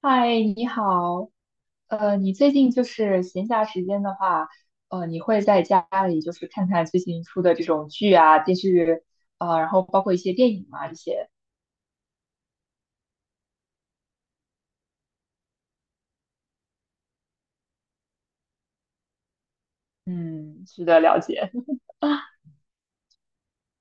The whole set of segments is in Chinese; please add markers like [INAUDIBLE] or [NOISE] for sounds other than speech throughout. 嗨，你好。你最近就是闲暇时间的话，你会在家里就是看看最近出的这种剧啊、电视剧啊，然后包括一些电影啊这些，嗯，值得了解。[LAUGHS]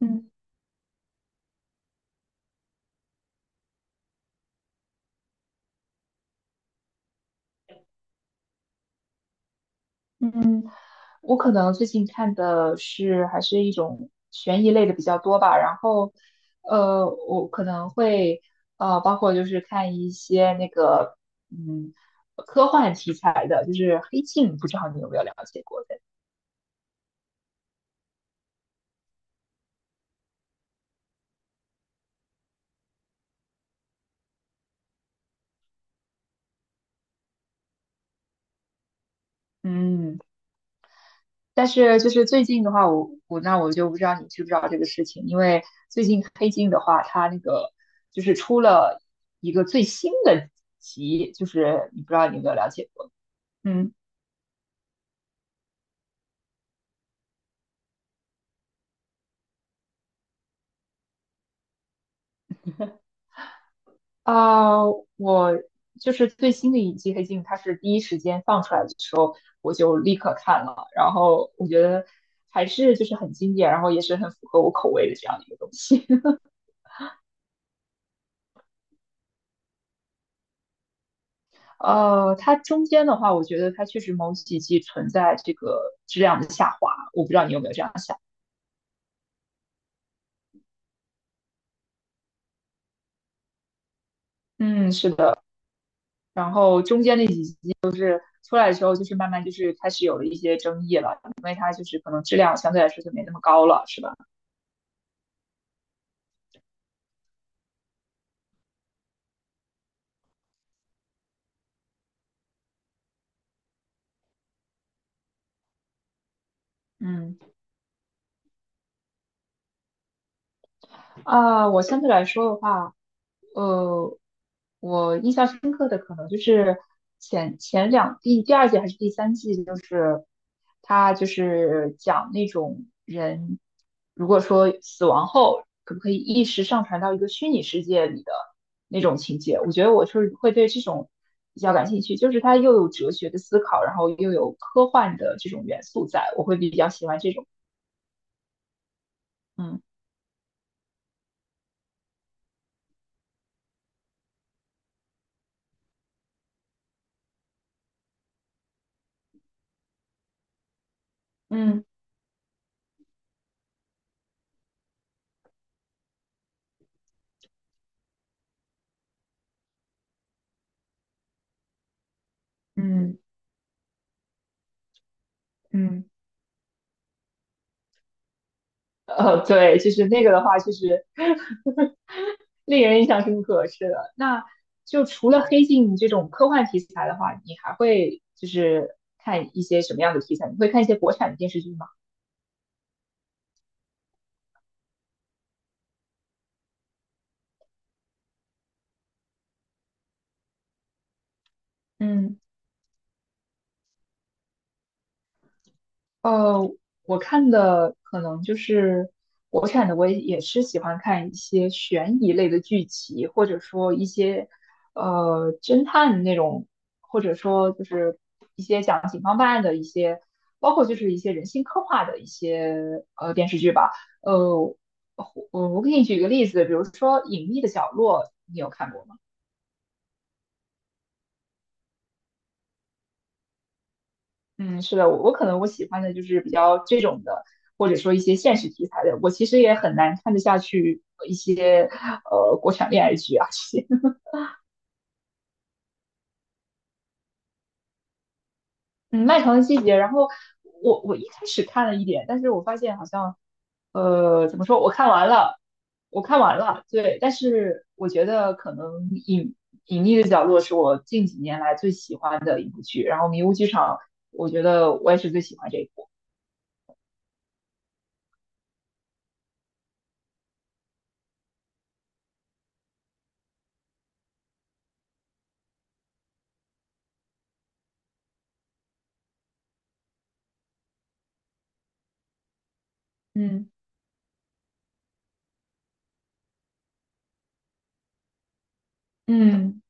嗯嗯，我可能最近看的是还是一种悬疑类的比较多吧，然后我可能会包括就是看一些那个嗯科幻题材的，就是《黑镜》，不知道你有没有了解过？嗯，但是就是最近的话，我那我就不知道你知不知道这个事情，因为最近《黑镜》的话，它那个就是出了一个最新的集，就是你不知道你有没有了解过？嗯，啊、我就是最新的一季《黑镜》，它是第一时间放出来的时候，我就立刻看了，然后我觉得还是就是很经典，然后也是很符合我口味的这样的一个东西。它中间的话，我觉得它确实某几季存在这个质量的下滑，我不知道你有没有这样想。嗯，是的。然后中间那几季出来的时候，就是慢慢就是开始有了一些争议了，因为它就是可能质量相对来说就没那么高了，是吧？嗯。啊，我相对来说的话，呃，我印象深刻的可能就是前前两第第二季还是第三季，就是他就是讲那种人，如果说死亡后可不可以意识上传到一个虚拟世界里的那种情节，我觉得我是会对这种比较感兴趣，就是它又有哲学的思考，然后又有科幻的这种元素在，我会比较喜欢这种，嗯。嗯嗯嗯，对，就是那个的话，其实 [LAUGHS] 令人印象深刻。是的，那就除了黑镜这种科幻题材的话，你还会就是看一些什么样的题材？你会看一些国产的电视剧吗？嗯，呃，我看的可能就是国产的，我也是喜欢看一些悬疑类的剧集，或者说一些侦探那种，或者说就是一些讲警方办案的一些，包括就是一些人性刻画的一些电视剧吧。呃，我我给你举个例子，比如说《隐秘的角落》，你有看过吗？嗯，是的，我可能我喜欢的就是比较这种的，或者说一些现实题材的。我其实也很难看得下去一些国产恋爱剧啊这些。[LAUGHS] 嗯，《漫长的季节》，然后我一开始看了一点，但是我发现好像怎么说，我看完了，对，但是我觉得可能隐秘的角落是我近几年来最喜欢的一部剧，然后《迷雾剧场》，我觉得我也是最喜欢这一部。嗯嗯。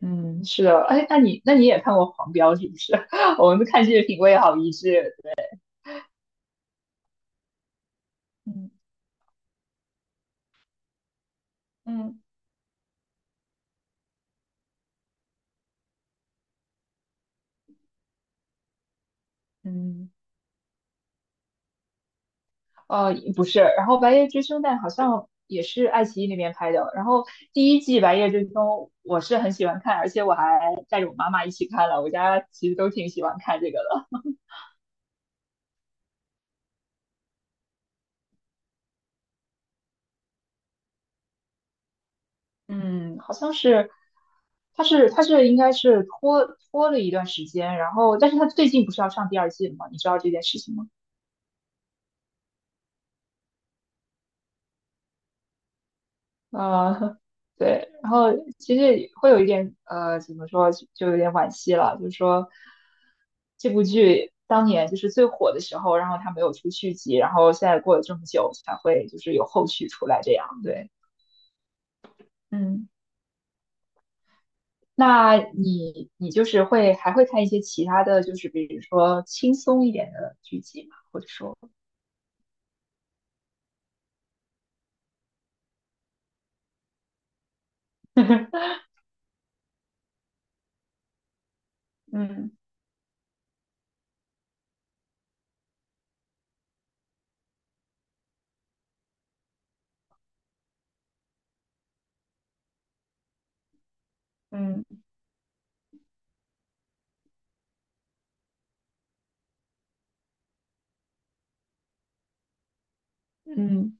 嗯，是的，哎，那你也看过《黄标》是不是？[LAUGHS] 我们看剧的品味好一致。嗯嗯，嗯，哦，不是，然后《白夜追凶》但好像也是爱奇艺那边拍的。然后第一季《白夜追凶》我是很喜欢看，而且我还带着我妈妈一起看了。我家其实都挺喜欢看这个的。嗯，好像是，它是应该是拖了一段时间，然后但是它最近不是要上第二季了吗？你知道这件事情吗？[LAUGHS] 啊、呃，对，然后其实会有一点怎么说，就有点惋惜了，就是说这部剧当年就是最火的时候，然后它没有出续集，然后现在过了这么久才会就是有后续出来这样，对，嗯，那你就是会还会看一些其他的就是比如说轻松一点的剧集吗？[LAUGHS] 嗯嗯。嗯。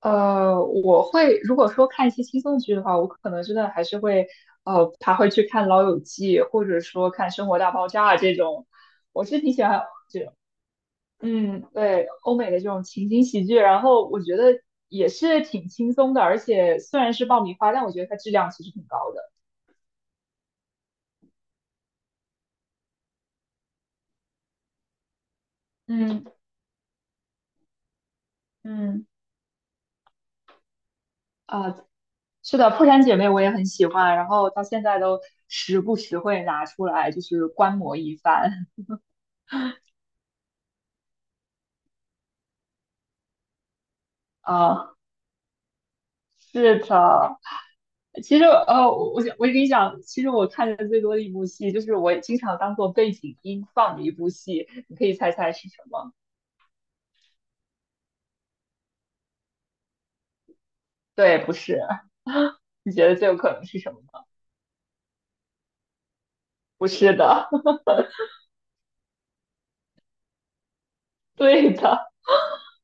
我会如果说看一些轻松剧的话，我可能真的还是会，他会去看《老友记》，或者说看《生活大爆炸》这种。我是挺喜欢，嗯，对，欧美的这种情景喜剧，然后我觉得也是挺轻松的，而且虽然是爆米花，但我觉得它质量其实挺高的。嗯嗯，啊，是的，《破产姐妹》我也很喜欢，然后到现在都时不时会拿出来就是观摩一番。啊。是的。其实，我想我跟你讲，其实我看的最多的一部戏，就是我经常当做背景音放的一部戏，你可以猜猜是什么？对，不是，你觉得最有可能是什么吗？不是的，[LAUGHS] 对的，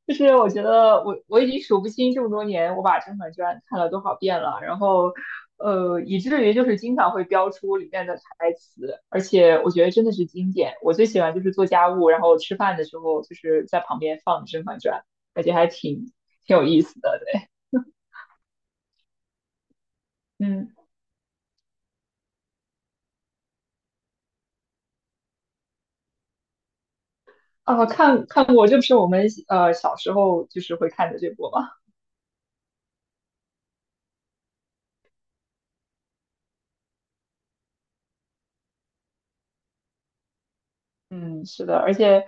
就是我觉得我已经数不清这么多年我把《甄嬛传》看了多少遍了，然后以至于就是经常会标出里面的台词，而且我觉得真的是经典。我最喜欢就是做家务，然后吃饭的时候就是在旁边放《甄嬛传》，感觉还挺有意思的。对，嗯，啊，看看过，这不是我们小时候就是会看的这部吗？嗯，是的，而且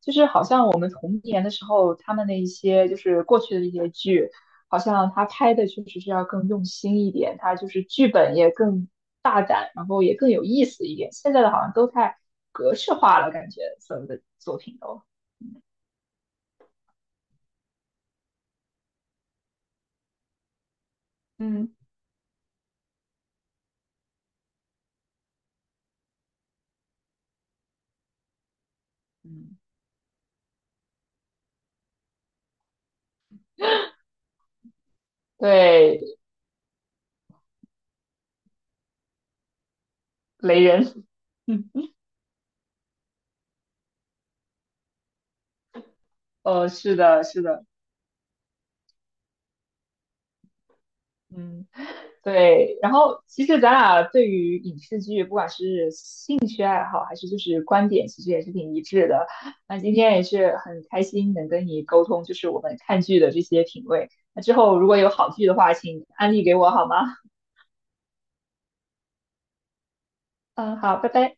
就是好像我们童年的时候，他们的一些就是过去的一些剧，好像他拍的确实是要更用心一点，他就是剧本也更大胆，然后也更有意思一点。现在的好像都太格式化了，感觉所有的作品都，嗯，嗯对，雷人，[LAUGHS] 哦，是的，是的，嗯。对，然后其实咱俩对于影视剧，不管是兴趣爱好还是就是观点，其实也是挺一致的。那今天也是很开心能跟你沟通，就是我们看剧的这些品味。那之后如果有好剧的话，请安利给我好吗？嗯，好，拜拜。